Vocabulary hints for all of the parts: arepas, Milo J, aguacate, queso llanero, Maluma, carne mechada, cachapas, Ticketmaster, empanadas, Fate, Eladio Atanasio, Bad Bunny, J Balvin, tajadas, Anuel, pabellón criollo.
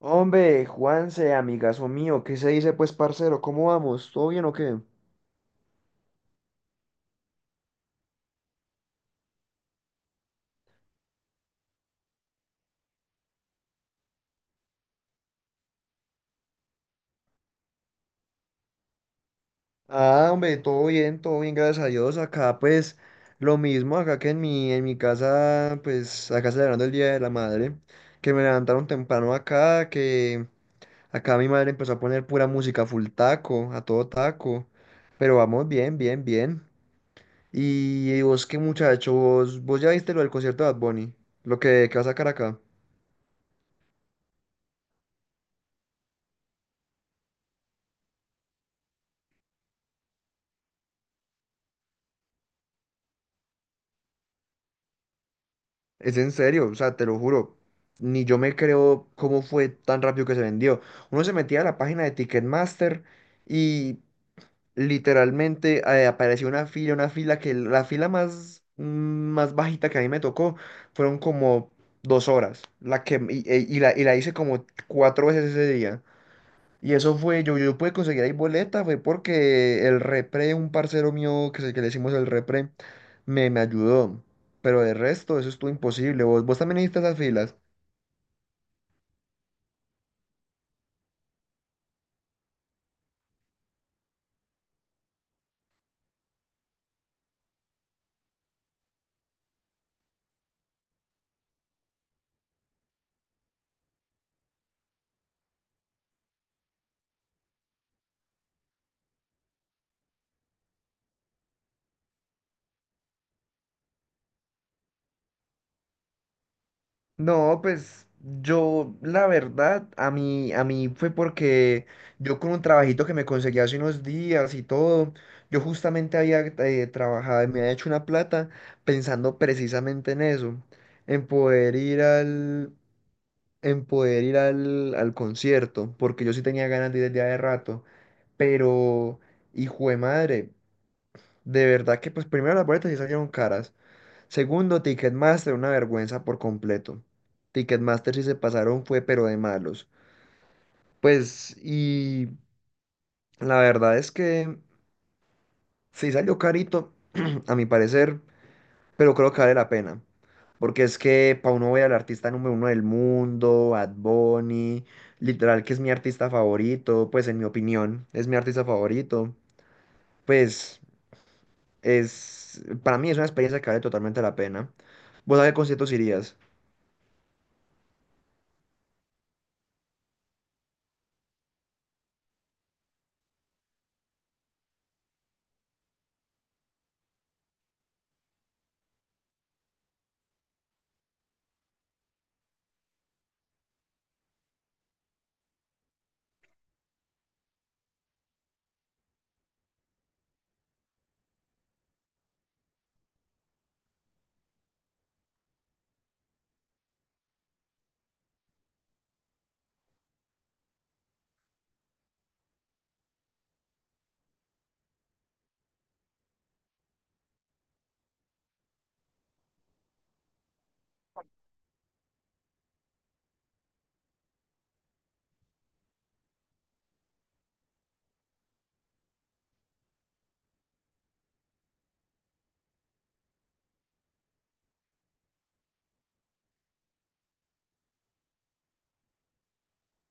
Hombre, Juanse, amigazo mío, ¿qué se dice pues, parcero? ¿Cómo vamos? ¿Todo bien o qué? Ah, hombre, todo bien, gracias a Dios. Acá pues lo mismo, acá que en mi casa, pues acá celebrando el Día de la Madre, que me levantaron temprano acá, que acá mi madre empezó a poner pura música full taco, a todo taco. Pero vamos bien, bien, bien. Y vos qué muchacho, vos ya viste lo del concierto de Bad Bunny, que va a sacar acá. Es en serio, o sea, te lo juro. Ni yo me creo cómo fue tan rápido que se vendió. Uno se metía a la página de Ticketmaster y literalmente apareció una fila que la fila más, mm, más bajita que a mí me tocó fueron como 2 horas. La que, y la hice como cuatro veces ese día. Y eso fue, yo pude conseguir ahí boleta, fue porque el repre, un parcero mío que le hicimos el repre, me ayudó. Pero de resto, eso estuvo imposible. ¿Vos también hiciste esas filas? No, pues yo, la verdad, a mí fue porque yo con un trabajito que me conseguí hace unos días y todo, yo justamente había trabajado y me había hecho una plata pensando precisamente en eso, en poder ir al, en poder ir al, al concierto, porque yo sí tenía ganas de ir desde hace rato, pero, hijo de madre, de verdad que pues primero las boletas sí salieron caras, segundo, Ticketmaster, una vergüenza por completo. Ticketmaster sí se pasaron fue, pero de malos. Pues, y la verdad es que sí salió carito, a mi parecer, pero creo que vale la pena. Porque es que para uno ver al artista número uno del mundo, Bad Bunny, literal que es mi artista favorito, pues en mi opinión, es mi artista favorito. Pues para mí es una experiencia que vale totalmente la pena. ¿Vos a qué conciertos irías?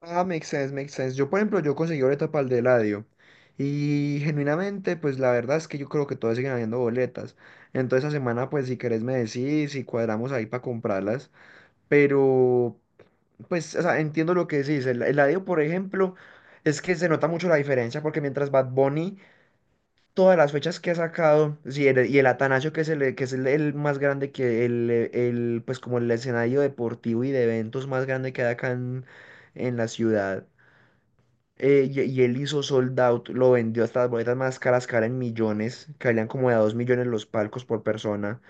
Ah, makes sense, makes sense. Yo, por ejemplo, yo conseguí boleta para el de Eladio. Y genuinamente, pues la verdad es que yo creo que todavía siguen habiendo boletas. Entonces, esa semana, pues si querés me decís y cuadramos ahí para comprarlas. Pero Pues, o sea, entiendo lo que decís. El Eladio, por ejemplo, es que se nota mucho la diferencia porque mientras Bad Bunny, todas las fechas que ha sacado, sí, y el Atanasio, el más grande que pues como el escenario deportivo y de eventos más grande que hay acá en la ciudad. Y él hizo sold out, lo vendió hasta las boletas más caras, caras en millones, que valían como de a 2 millones los palcos por persona.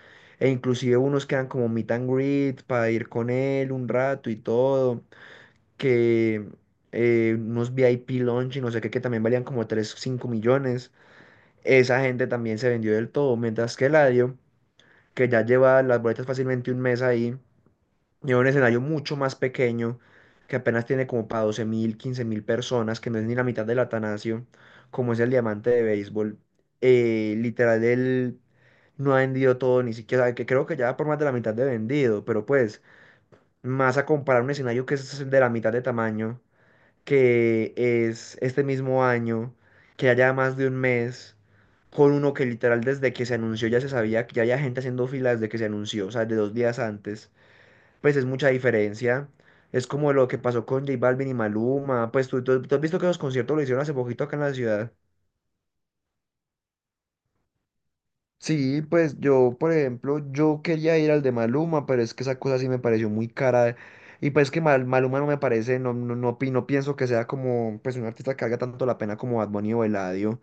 E inclusive unos quedan como meet and greet para ir con él un rato y todo que unos VIP launch y no sé qué, que también valían como 3 5 millones. Esa gente también se vendió del todo, mientras que Eladio, que ya lleva las boletas fácilmente un mes ahí, lleva un escenario mucho más pequeño, que apenas tiene como para 12.000, 15.000 personas, que no es ni la mitad del Atanasio, como es el diamante de béisbol. Literal, él no ha vendido todo, ni siquiera, que creo que ya va por más de la mitad de vendido, pero pues, más a comparar un escenario que es de la mitad de tamaño que es este mismo año, que haya más de un mes, con uno que literal desde que se anunció ya se sabía que ya había gente haciendo filas desde que se anunció, o sea, de 2 días antes, pues es mucha diferencia. Es como lo que pasó con J Balvin y Maluma, pues tú has visto que los conciertos lo hicieron hace poquito acá en la ciudad. Sí, pues yo, por ejemplo, yo quería ir al de Maluma, pero es que esa cosa sí me pareció muy cara. Y pues que Maluma no me parece, no, no, no, no pienso que sea como pues un artista que valga tanto la pena como Bad Bunny o Eladio.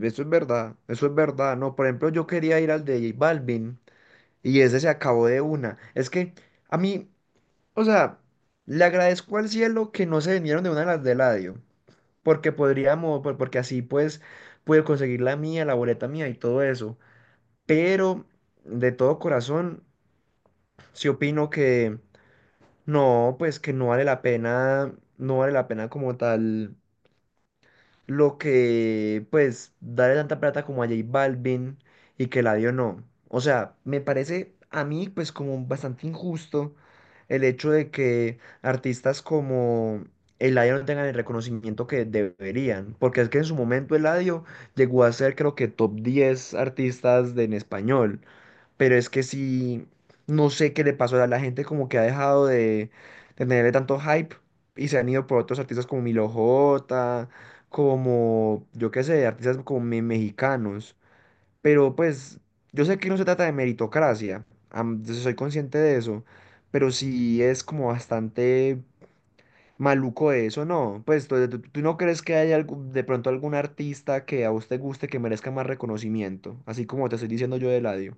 Eso es verdad, ¿no? Por ejemplo, yo quería ir al de J Balvin y ese se acabó de una. Es que a mí, o sea, le agradezco al cielo que no se vinieron de una a las de Eladio, porque porque así pues pude conseguir la mía, la boleta mía y todo eso. Pero de todo corazón, sí opino que no, pues que no vale la pena, no vale la pena como tal. Lo que, pues, darle tanta plata como a J Balvin y que Eladio no. O sea, me parece a mí, pues, como bastante injusto el hecho de que artistas como Eladio no tengan el reconocimiento que deberían. Porque es que en su momento Eladio llegó a ser, creo que, top 10 artistas en español, pero es que sí, no sé qué le pasó a la gente, como que ha dejado de tenerle tanto hype y se han ido por otros artistas como Milo J, como, yo qué sé, artistas como mexicanos. Pero pues, yo sé que no se trata de meritocracia, yo soy consciente de eso, pero sí es como bastante maluco eso, ¿no? Pues, ¿tú no crees que haya de pronto algún artista que a usted guste que merezca más reconocimiento? Así como te estoy diciendo yo de Eladio.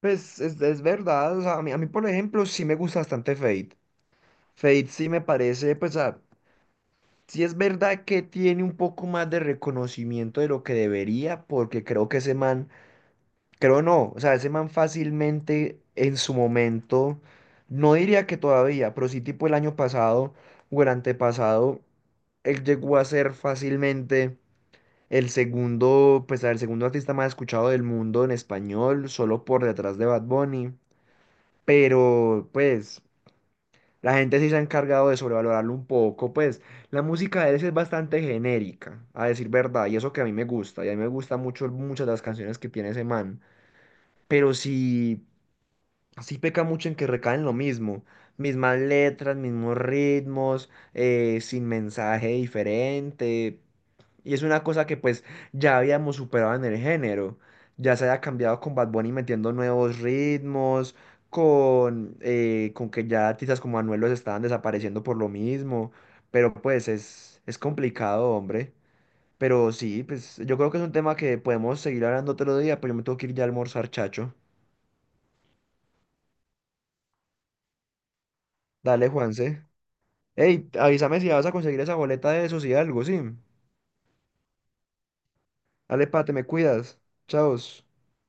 Pues es verdad, o sea, a mí, por ejemplo sí me gusta bastante Fate. Fate sí me parece, pues ah, sí es verdad que tiene un poco más de reconocimiento de lo que debería, porque creo que ese man, creo no, o sea, ese man fácilmente en su momento, no diría que todavía, pero sí tipo el año pasado o el antepasado, él llegó a ser fácilmente el segundo, pues el segundo artista más escuchado del mundo en español, solo por detrás de Bad Bunny. Pero pues la gente sí se ha encargado de sobrevalorarlo un poco, pues la música de él sí es bastante genérica, a decir verdad, y eso que a mí me gusta, y a mí me gustan mucho muchas de las canciones que tiene ese man, pero sí peca mucho en que recaen lo mismo, mismas letras, mismos ritmos, sin mensaje diferente. Y es una cosa que pues ya habíamos superado en el género. Ya se había cambiado con Bad Bunny metiendo nuevos ritmos, con que ya artistas como Anuel los estaban desapareciendo por lo mismo. Pero pues es complicado, hombre. Pero sí, pues yo creo que es un tema que podemos seguir hablando otro día, pero yo me tengo que ir ya a almorzar, chacho. Dale, Juanse. Ey, avísame si vas a conseguir esa boleta de esos y algo, sí. Dale, pa, te me cuidas. Chao.